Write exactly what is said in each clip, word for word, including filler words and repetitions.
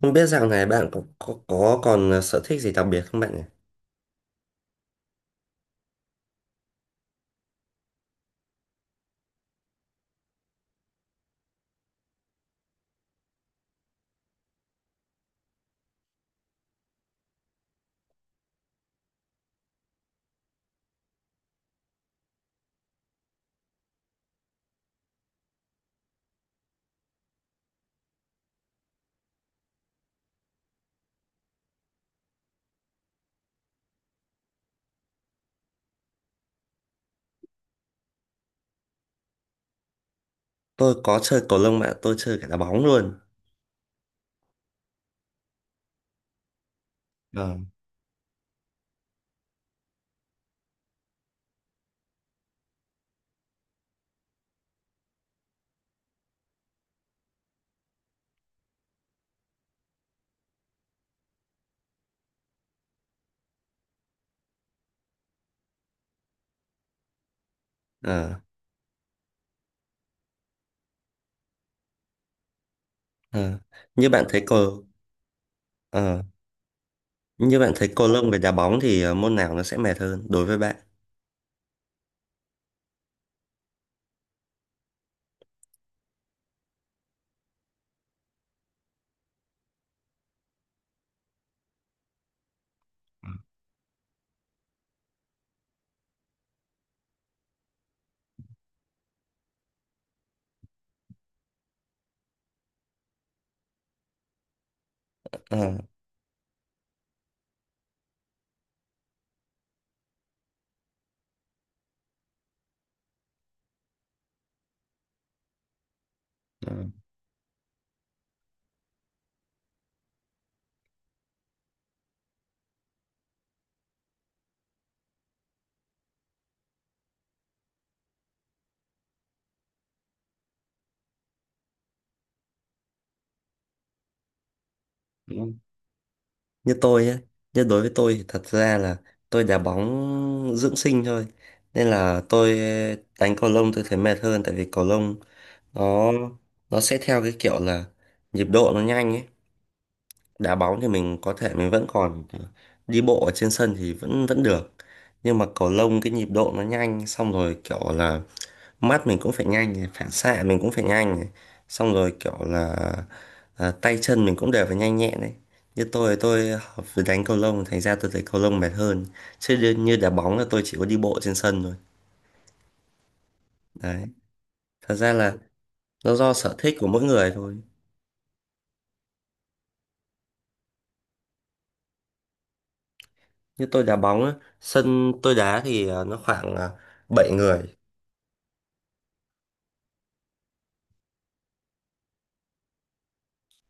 Không biết dạo này bạn có, có, có còn ờ, sở thích gì đặc biệt không bạn nhỉ? Tôi có chơi cầu lông bạn, tôi chơi cả đá bóng luôn. Ờ. Ờ. Ờ. Như bạn thấy cầu ờ, Như bạn thấy cầu lông với đá bóng thì ờ, môn nào nó sẽ mệt hơn đối với bạn? Ờ. Ờ. Đúng không? như tôi ấy, Như đối với tôi thì thật ra là tôi đá bóng dưỡng sinh thôi. Nên là tôi đánh cầu lông tôi thấy mệt hơn, tại vì cầu lông nó nó sẽ theo cái kiểu là nhịp độ nó nhanh ấy. Đá bóng thì mình có thể mình vẫn còn đi bộ ở trên sân thì vẫn vẫn được, nhưng mà cầu lông cái nhịp độ nó nhanh, xong rồi kiểu là mắt mình cũng phải nhanh này, phản xạ mình cũng phải nhanh này. Xong rồi kiểu là à, tay chân mình cũng đều phải nhanh nhẹn đấy. Như tôi tôi học với đánh cầu lông, thành ra tôi thấy cầu lông mệt hơn, chứ như, như đá bóng là tôi chỉ có đi bộ trên sân thôi đấy. Thật ra là nó do sở thích của mỗi người thôi. Như tôi đá bóng á, sân tôi đá thì à, nó khoảng à, bảy người.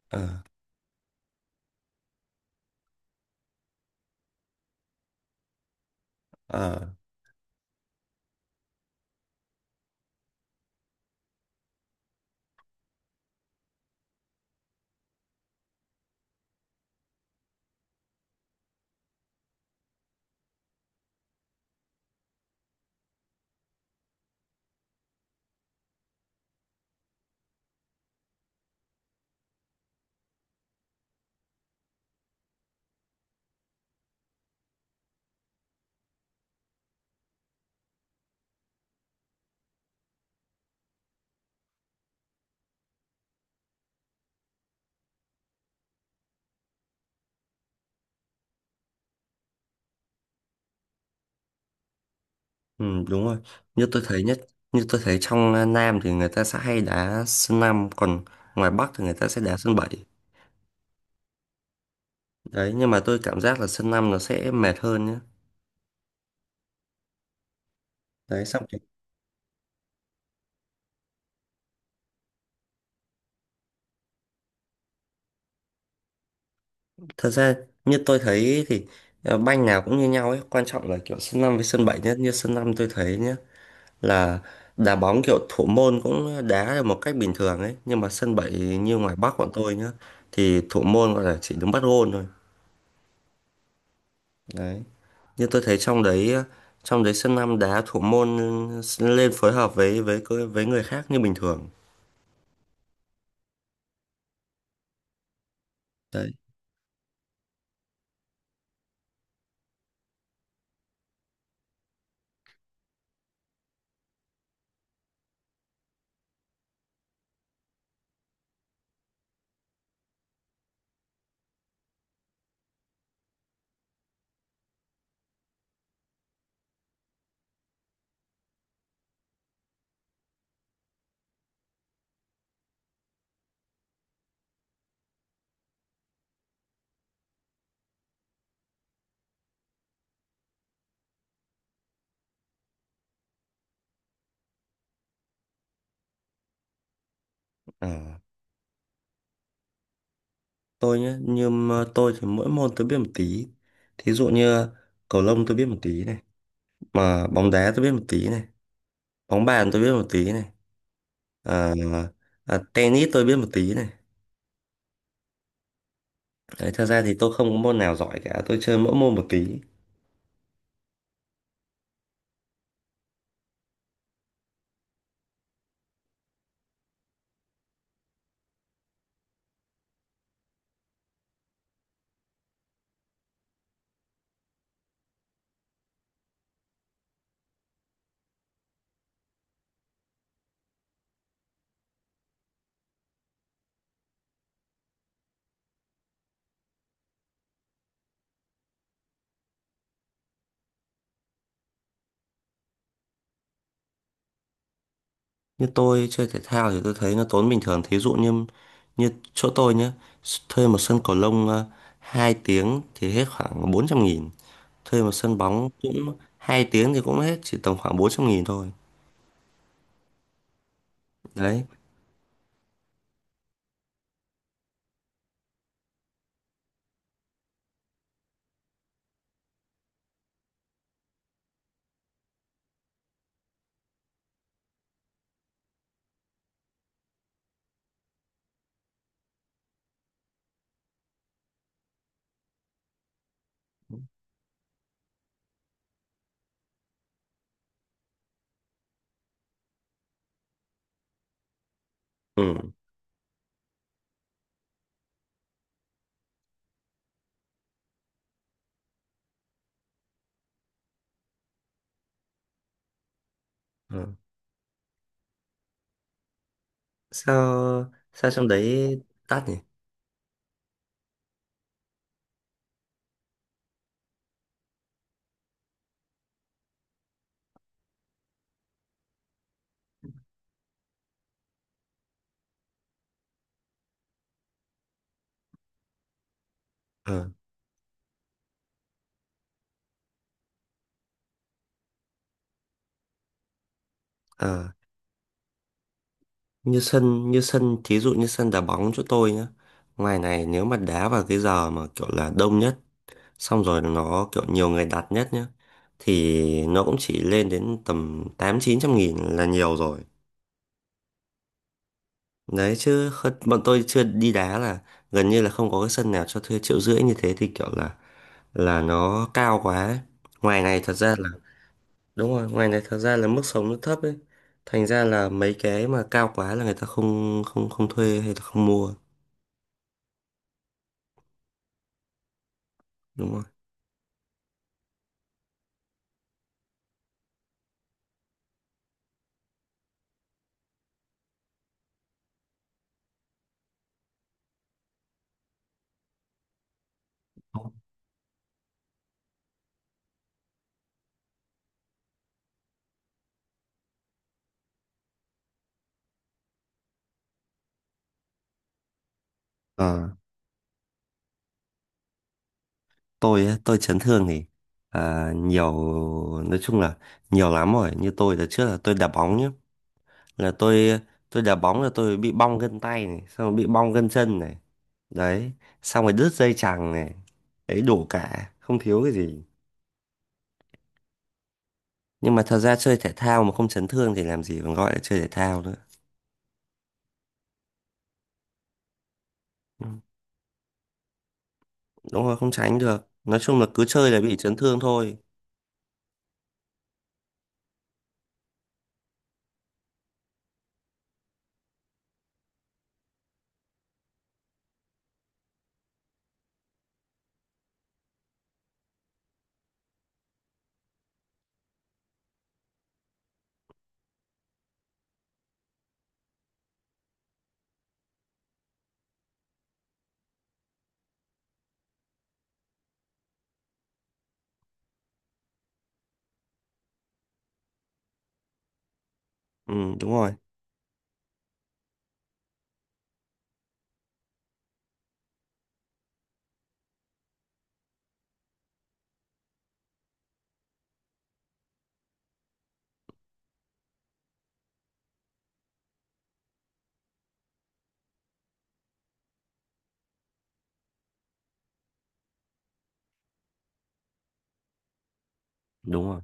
Ờ. Ờ, ừ, đúng rồi. Như tôi thấy nhất, Như tôi thấy trong à, Nam thì người ta sẽ hay đá sân năm, còn ngoài Bắc thì người ta sẽ đá sân bảy. Đấy, nhưng mà tôi cảm giác là sân năm nó sẽ mệt hơn nhá. Đấy, xong rồi. Thật ra như tôi thấy thì à, banh nào cũng như nhau ấy, quan trọng là kiểu sân năm với sân bảy nhé. Như sân năm tôi thấy nhá là đá bóng kiểu thủ môn cũng đá được một cách bình thường ấy, nhưng mà sân bảy như ngoài Bắc bọn tôi nhá thì thủ môn gọi là chỉ đứng bắt gôn thôi. Đấy. Như tôi thấy trong đấy, ờ, trong đấy sân năm đá thủ môn lên phối hợp với với với người khác như bình thường đấy. à, tôi nhé, như mà tôi thì mỗi môn tôi biết một tí, thí dụ như cầu lông tôi biết một tí này, mà bóng đá tôi biết một tí này, bóng bàn tôi biết một tí này, à, à, tennis tôi biết một tí này. Đấy, thật ra thì tôi không có môn nào giỏi cả, tôi chơi mỗi môn một tí. Như tôi chơi thể thao thì tôi thấy nó tốn bình thường, thí dụ như như chỗ tôi nhé, thuê một sân cầu lông ờ, hai tiếng thì hết khoảng bốn trăm nghìn, thuê một sân bóng cũng hai tiếng thì cũng hết chỉ tầm khoảng bốn trăm nghìn thôi đấy. Ừ. Ừ. sao sao trong đấy đắt nhỉ? ờ ờ. như sân như sân thí dụ như sân đá bóng chỗ tôi nhá, ngoài này nếu mà đá vào cái giờ mà kiểu là đông nhất, xong rồi nó kiểu nhiều người đặt nhất nhá, thì nó cũng chỉ lên đến tầm tám chín trăm nghìn là nhiều rồi đấy, chứ kh- bọn tôi chưa đi đá là gần như là không có cái sân nào cho thuê triệu rưỡi như thế, thì kiểu là là nó cao quá ấy. Ngoài này thật ra là đúng rồi, ngoài này thật ra là mức sống nó thấp ấy, thành ra là mấy cái mà cao quá là người ta không không không thuê hay là không mua đúng rồi. Ờ. Tôi á, tôi chấn thương thì à, nhiều, nói chung là nhiều lắm rồi. Như tôi là trước là tôi đá bóng nhé, là tôi tôi đá bóng là tôi bị bong gân tay này, xong rồi bị bong gân chân này đấy, xong rồi đứt dây chằng này đấy, đủ cả không thiếu cái gì. Nhưng mà thật ra chơi thể thao mà không chấn thương thì làm gì còn gọi là chơi thể thao nữa. Ừ, đúng rồi, không tránh được, nói chung là cứ chơi là bị chấn thương thôi. Ừ, đúng rồi, đúng rồi.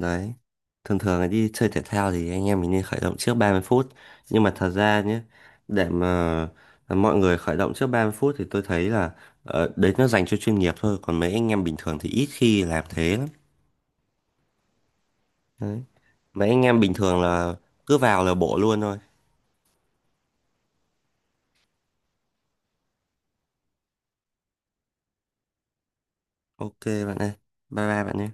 Đấy. Thường thường là đi chơi thể thao thì anh em mình nên khởi động trước ba mươi phút. Nhưng mà thật ra nhé, để mà mọi người khởi động trước ba mươi phút thì tôi thấy là ờ, đấy nó dành cho chuyên nghiệp thôi. Còn mấy anh em bình thường thì ít khi làm thế lắm. Đấy. Mấy anh em bình thường là cứ vào là bộ luôn thôi. Ok bạn ơi. Bye bye bạn nhé.